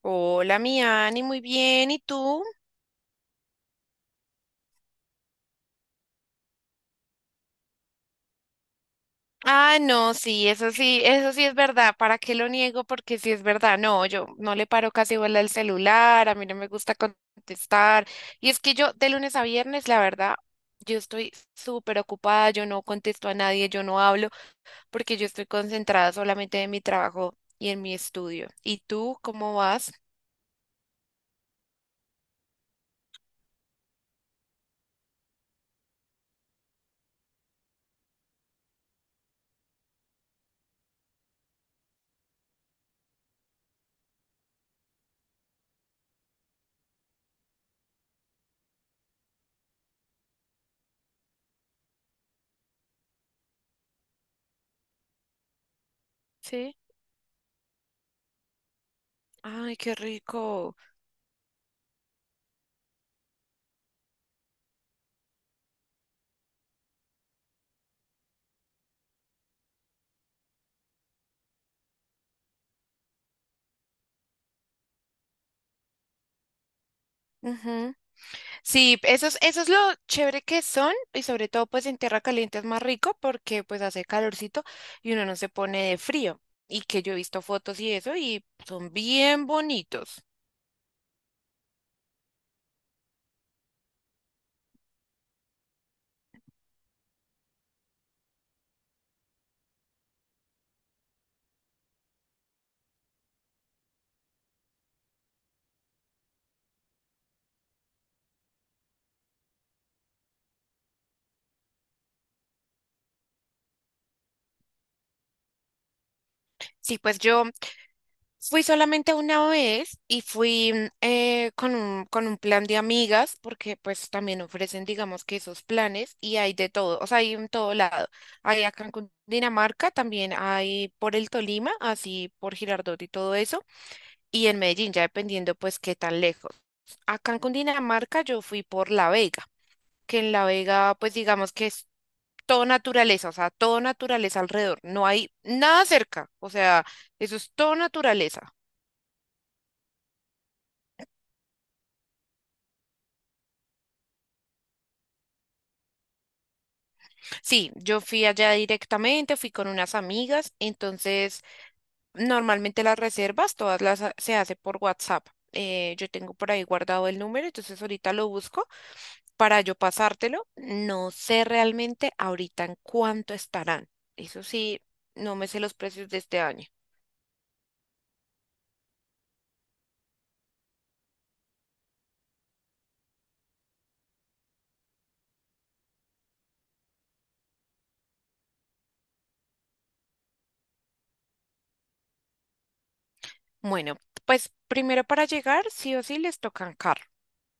Hola, mi Ani, muy bien. ¿Y tú? Ah, no, sí, eso sí, eso sí es verdad. ¿Para qué lo niego? Porque sí es verdad. No, yo no le paro casi bola al celular, a mí no me gusta contestar. Y es que yo de lunes a viernes, la verdad, yo estoy súper ocupada, yo no contesto a nadie, yo no hablo, porque yo estoy concentrada solamente en mi trabajo y en mi estudio. ¿Y tú cómo vas? Sí. Ay, qué rico. Sí, eso es lo chévere que son, y sobre todo pues en tierra caliente es más rico porque pues hace calorcito y uno no se pone de frío, y que yo he visto fotos y eso y son bien bonitos. Sí, pues yo fui solamente una vez y fui con un plan de amigas, porque pues también ofrecen digamos que esos planes y hay de todo, o sea, hay en todo lado. Hay acá en Dinamarca, también hay por el Tolima, así por Girardot y todo eso. Y en Medellín, ya dependiendo pues qué tan lejos. Acá en Cundinamarca yo fui por La Vega, que en La Vega pues digamos que es todo naturaleza, o sea, todo naturaleza alrededor, no hay nada cerca, o sea, eso es todo naturaleza. Sí, yo fui allá directamente, fui con unas amigas, entonces normalmente las reservas todas se hace por WhatsApp. Yo tengo por ahí guardado el número, entonces ahorita lo busco para yo pasártelo. No sé realmente ahorita en cuánto estarán. Eso sí, no me sé los precios de este año. Bueno, pues primero para llegar, sí o sí les tocan carro,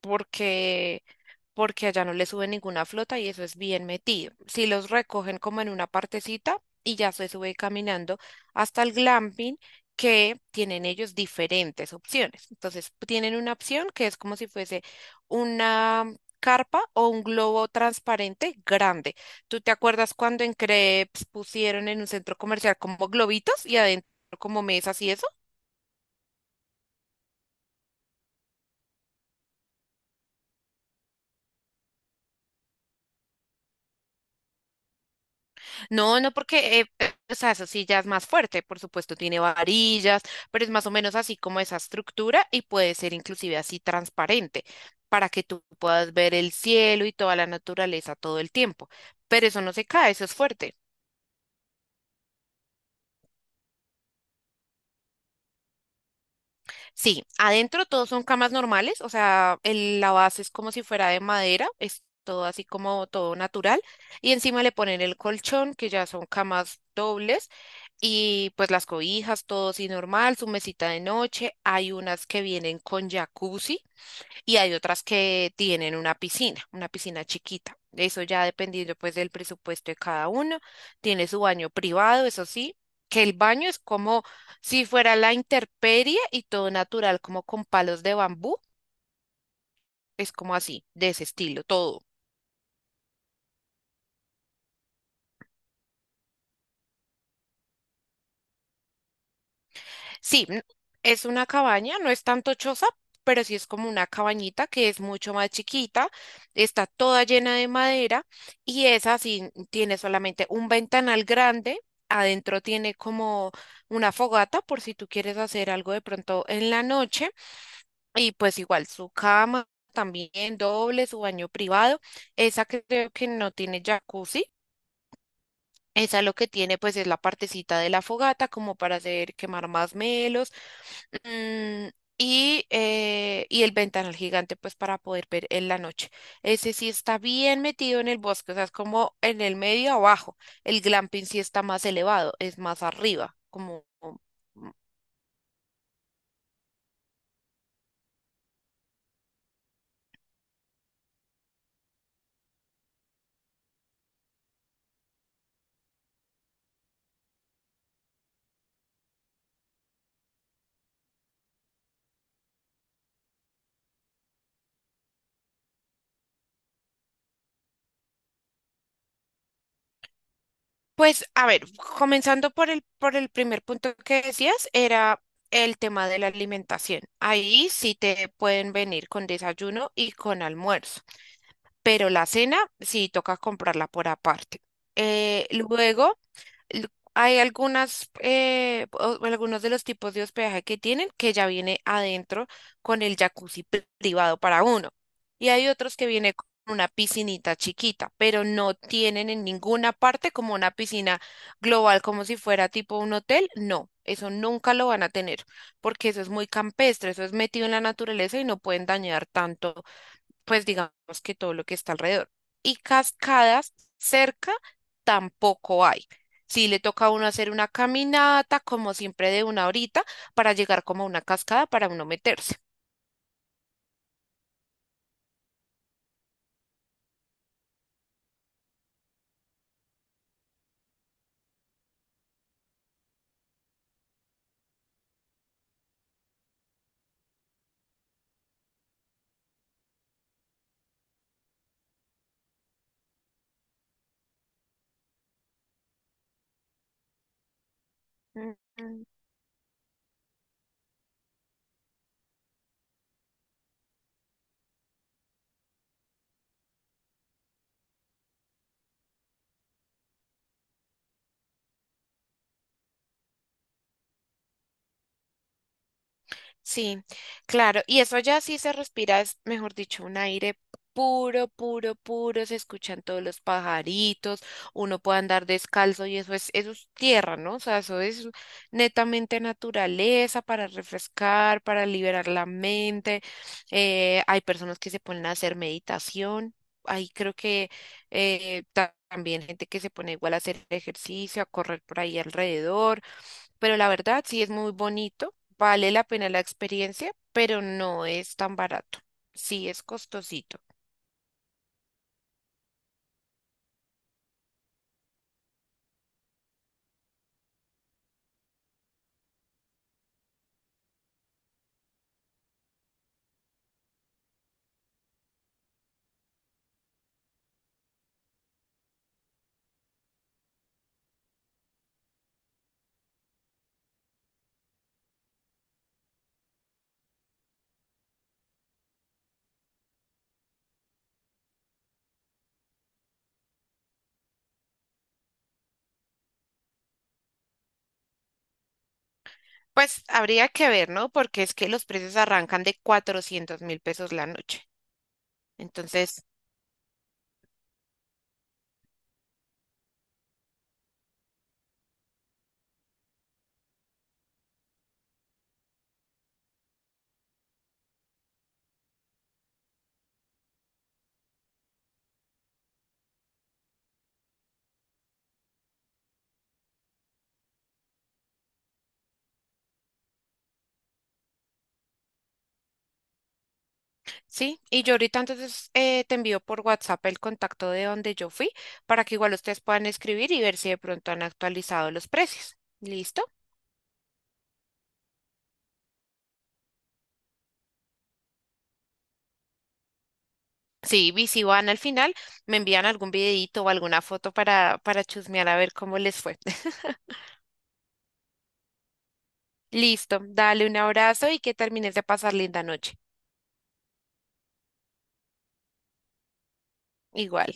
porque porque allá no le sube ninguna flota y eso es bien metido. Si los recogen como en una partecita y ya se sube caminando hasta el glamping, que tienen ellos diferentes opciones. Entonces, tienen una opción que es como si fuese una carpa o un globo transparente grande. ¿Tú te acuerdas cuando en Crepes pusieron en un centro comercial como globitos y adentro como mesas y eso? No, no, porque, o sea, eso sí ya es más fuerte, por supuesto, tiene varillas, pero es más o menos así como esa estructura, y puede ser inclusive así transparente para que tú puedas ver el cielo y toda la naturaleza todo el tiempo. Pero eso no se cae, eso es fuerte. Sí, adentro todos son camas normales, o sea, la base es como si fuera de madera, es todo así como todo natural, y encima le ponen el colchón, que ya son camas dobles. Y pues las cobijas, todo así normal, su mesita de noche. Hay unas que vienen con jacuzzi y hay otras que tienen una piscina chiquita. Eso ya dependiendo pues del presupuesto de cada uno. Tiene su baño privado, eso sí, que el baño es como si fuera la intemperie y todo natural, como con palos de bambú. Es como así, de ese estilo, todo. Sí, es una cabaña, no es tanto choza, pero sí es como una cabañita que es mucho más chiquita, está toda llena de madera, y esa sí tiene solamente un ventanal grande, adentro tiene como una fogata por si tú quieres hacer algo de pronto en la noche, y pues igual su cama también doble, su baño privado, esa creo que no tiene jacuzzi. Esa lo que tiene pues es la partecita de la fogata como para hacer quemar más. Mm, y el ventanal gigante, pues para poder ver en la noche. Ese sí está bien metido en el bosque, o sea, es como en el medio abajo. El glamping sí está más elevado, es más arriba, como... mm, Pues, a ver, comenzando por el primer punto que decías, era el tema de la alimentación. Ahí sí te pueden venir con desayuno y con almuerzo, pero la cena sí toca comprarla por aparte. Eh, luego l- Hay algunas, o algunos de los tipos de hospedaje que tienen que ya viene adentro con el jacuzzi privado para uno. Y hay otros que viene con una piscinita chiquita, pero no tienen en ninguna parte como una piscina global, como si fuera tipo un hotel. No, eso nunca lo van a tener, porque eso es muy campestre, eso es metido en la naturaleza y no pueden dañar tanto pues digamos que todo lo que está alrededor. Y cascadas cerca tampoco hay. Sí le toca a uno hacer una caminata, como siempre, de una horita para llegar como a una cascada para uno meterse. Mm. Sí, claro. Y eso ya sí se respira, es mejor dicho, un aire puro, puro, puro. Se escuchan todos los pajaritos, uno puede andar descalzo y eso es tierra, ¿no? O sea, eso es netamente naturaleza para refrescar, para liberar la mente. Hay personas que se ponen a hacer meditación. Ahí creo que también gente que se pone igual a hacer ejercicio, a correr por ahí alrededor. Pero la verdad sí es muy bonito. Vale la pena la experiencia, pero no es tan barato. Sí es costosito. Pues habría que ver, ¿no? Porque es que los precios arrancan de 400.000 pesos la noche. Entonces, sí, y yo ahorita entonces te envío por WhatsApp el contacto de donde yo fui para que igual ustedes puedan escribir y ver si de pronto han actualizado los precios. ¿Listo? Sí, y si van al final, me envían algún videito o alguna foto para chusmear a ver cómo les fue. Listo, dale un abrazo y que termines de pasar linda noche. Igual.